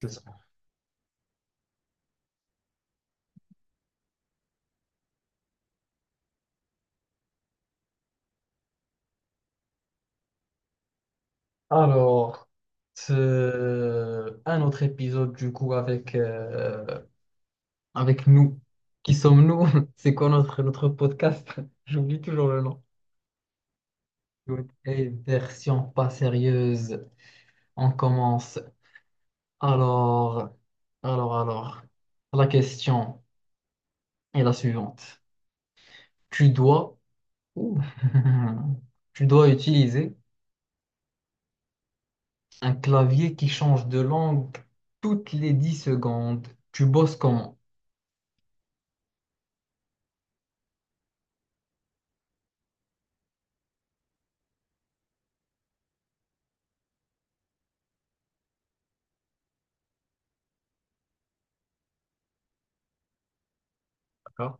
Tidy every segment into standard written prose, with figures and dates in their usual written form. C'est ça. Alors, c'est un autre épisode du coup avec, avec nous. Qui sommes-nous? C'est quoi notre podcast? J'oublie toujours le nom. Oui. Et version pas sérieuse, on commence. Alors, alors, la question est la suivante. Tu dois, Ouh. Tu dois utiliser un clavier qui change de langue toutes les 10 secondes. Tu bosses comment? D'accord.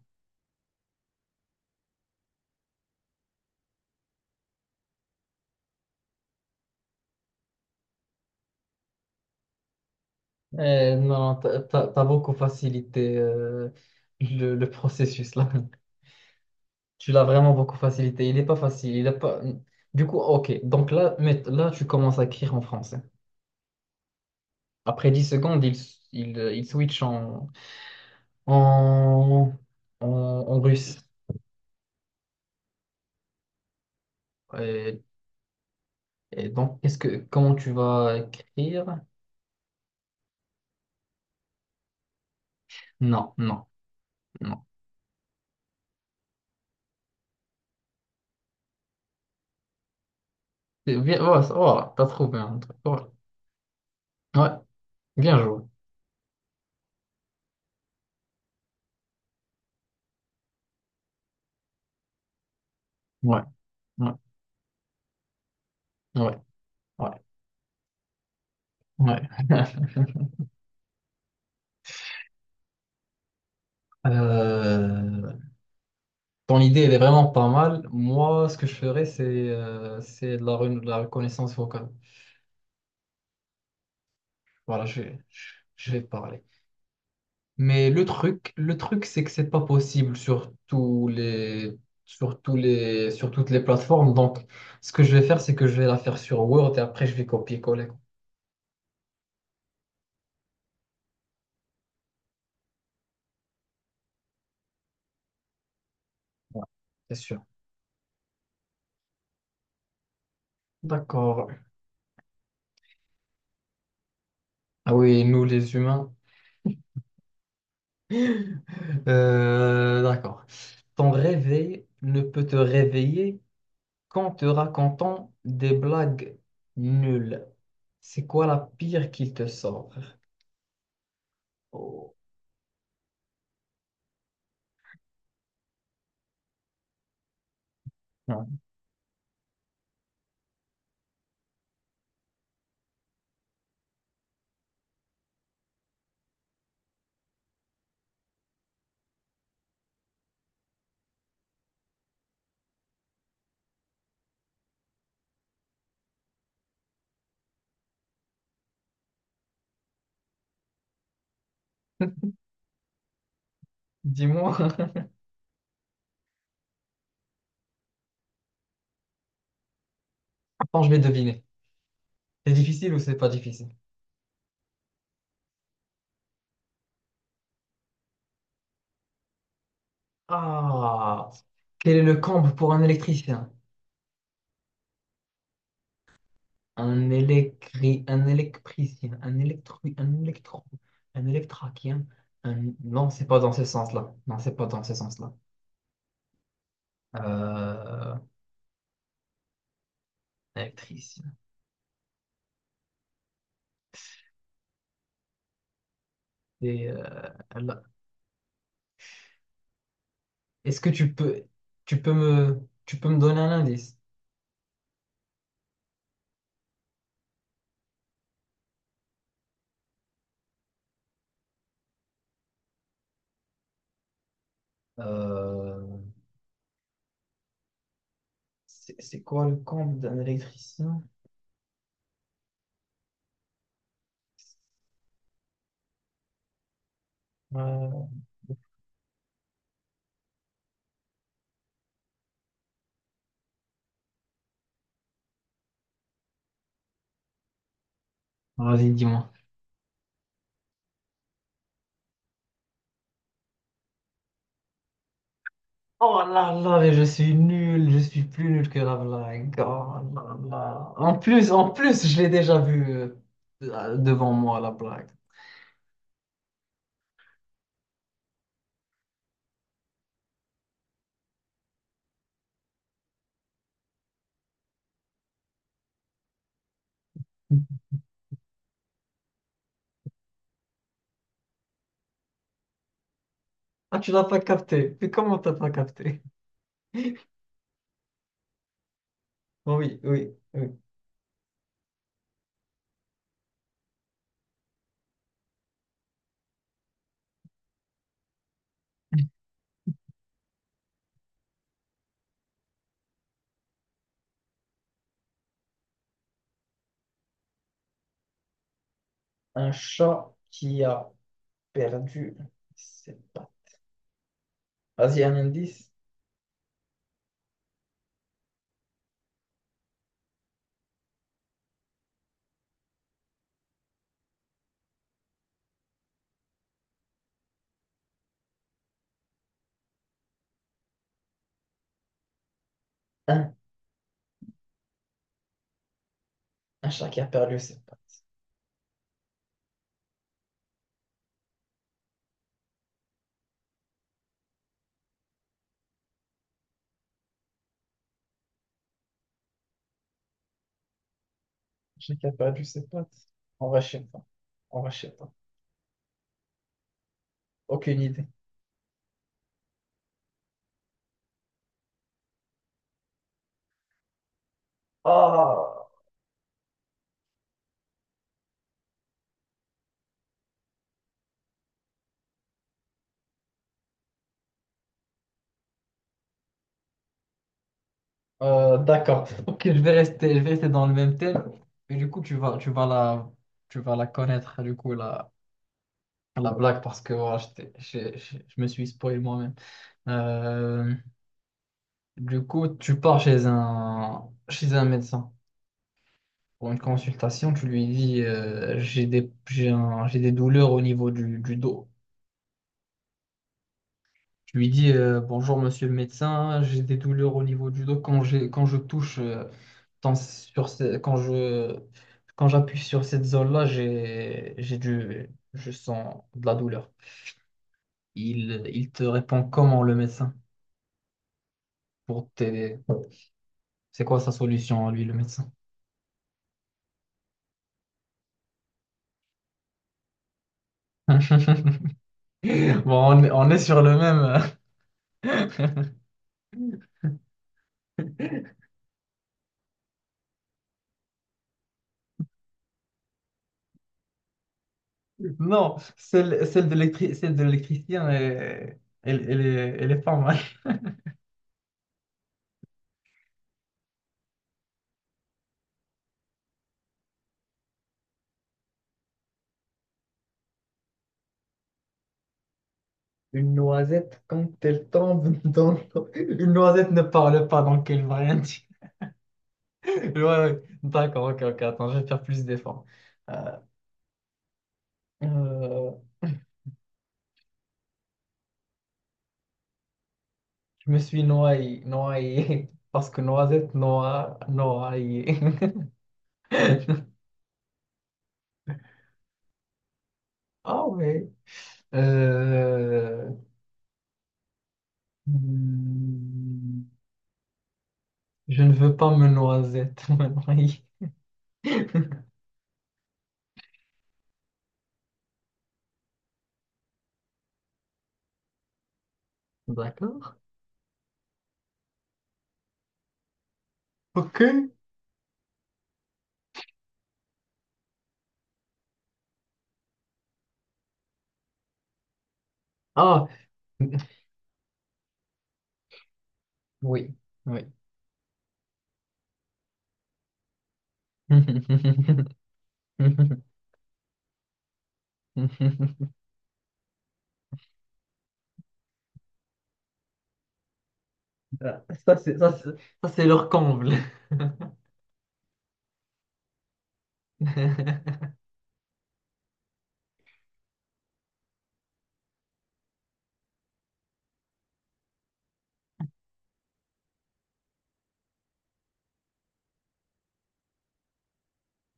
Non, t'as beaucoup facilité le processus là. Tu l'as vraiment beaucoup facilité. Il n'est pas facile. Il est pas... Du coup, ok. Donc là, tu commences à écrire en français. Après 10 secondes, il switch en, en russe. Et, et donc, comment tu vas écrire? Non, non, non. Voilà, voilà, t'as trouvé un truc. Voilà. Ouais, bien joué. Ouais, ouais, ouais, ouais, ouais. Euh, Ton idée, elle est vraiment pas mal. Moi, ce que je ferais, c'est de la reconnaissance vocale. Voilà, je vais parler. Mais le truc, c'est que c'est pas possible sur sur toutes les plateformes. Donc, ce que je vais faire, c'est que je vais la faire sur Word et après, je vais copier-coller. Ouais, c'est sûr. D'accord. Ah oui, nous, les humains. D'accord. Ton réveil ne peut te réveiller quand te racontant des blagues nulles, c'est quoi la pire qu'il te sort? Oh. Ouais. Dis-moi. Attends, je vais deviner. C'est difficile ou c'est pas difficile? Ah, quel est le comble pour un électricien? Un électricien, un électraquien. Un... Non, c'est pas dans ce sens-là. Non, c'est pas dans ce sens-là. Euh, électricien. Et, là. Est-ce que tu peux me, tu peux me donner un indice? Euh, c'est quoi le compte d'un électricien? Euh, vas-y, dis-moi. Oh là là, mais je suis nul, je suis plus nul que la blague. Oh là là. En plus, je l'ai déjà vu devant moi, la blague. Ah, tu l'as pas capté. Mais comment t'as pas capté? Bon. Oui, oui, oui. Un chat qui a perdu ses pattes. Vas-y, un indice. Un, un chat qui a perdu ses pattes. Un chat qui a perdu ses pattes. On va chez toi. On va chez Aucune idée. Ah, d'accord. Ok, je vais rester dans le même thème. Mais du coup, tu vas la connaître, du coup, la blague, parce que voilà, je, t'ai- je me suis spoilé moi-même. Euh, du coup, tu pars chez chez un médecin pour une consultation. Tu lui dis, j'ai des douleurs au niveau du dos. Je lui dis bonjour monsieur le médecin, j'ai des douleurs au niveau du dos quand je touche dans- sur ce- quand je quand j'appuie sur cette zone-là, j'ai du je sens de la douleur. Il te répond comment le médecin pour t'aider. C'est quoi sa solution à lui le médecin? Bon, on est sur le même. Non, celle de l'électricien, elle est pas mal. Une noisette, quand elle tombe dans l'eau, une noisette ne parle pas, donc elle va rien dire. Ouais, ouais. D'accord, ok, ok, attends, je vais faire plus d'efforts. Euh, euh, je me suis noyé, noyé, parce que noisette, noie, noyé. Ah ouais. Euh, hmm, je ne veux pas me noisette, me noyer. D'accord. Ok. Ah, oui, oui. Ah, ça, c'est leur comble.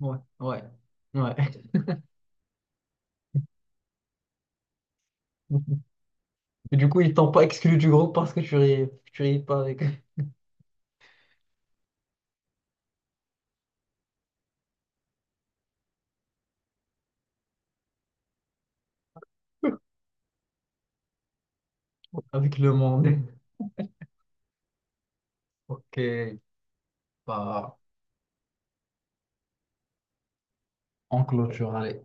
Ouais, ouais, ouais. Et du coup, ils t'ont pas exclu du groupe parce que tu riais pas avec, avec le monde. Ok, bah, on clôture.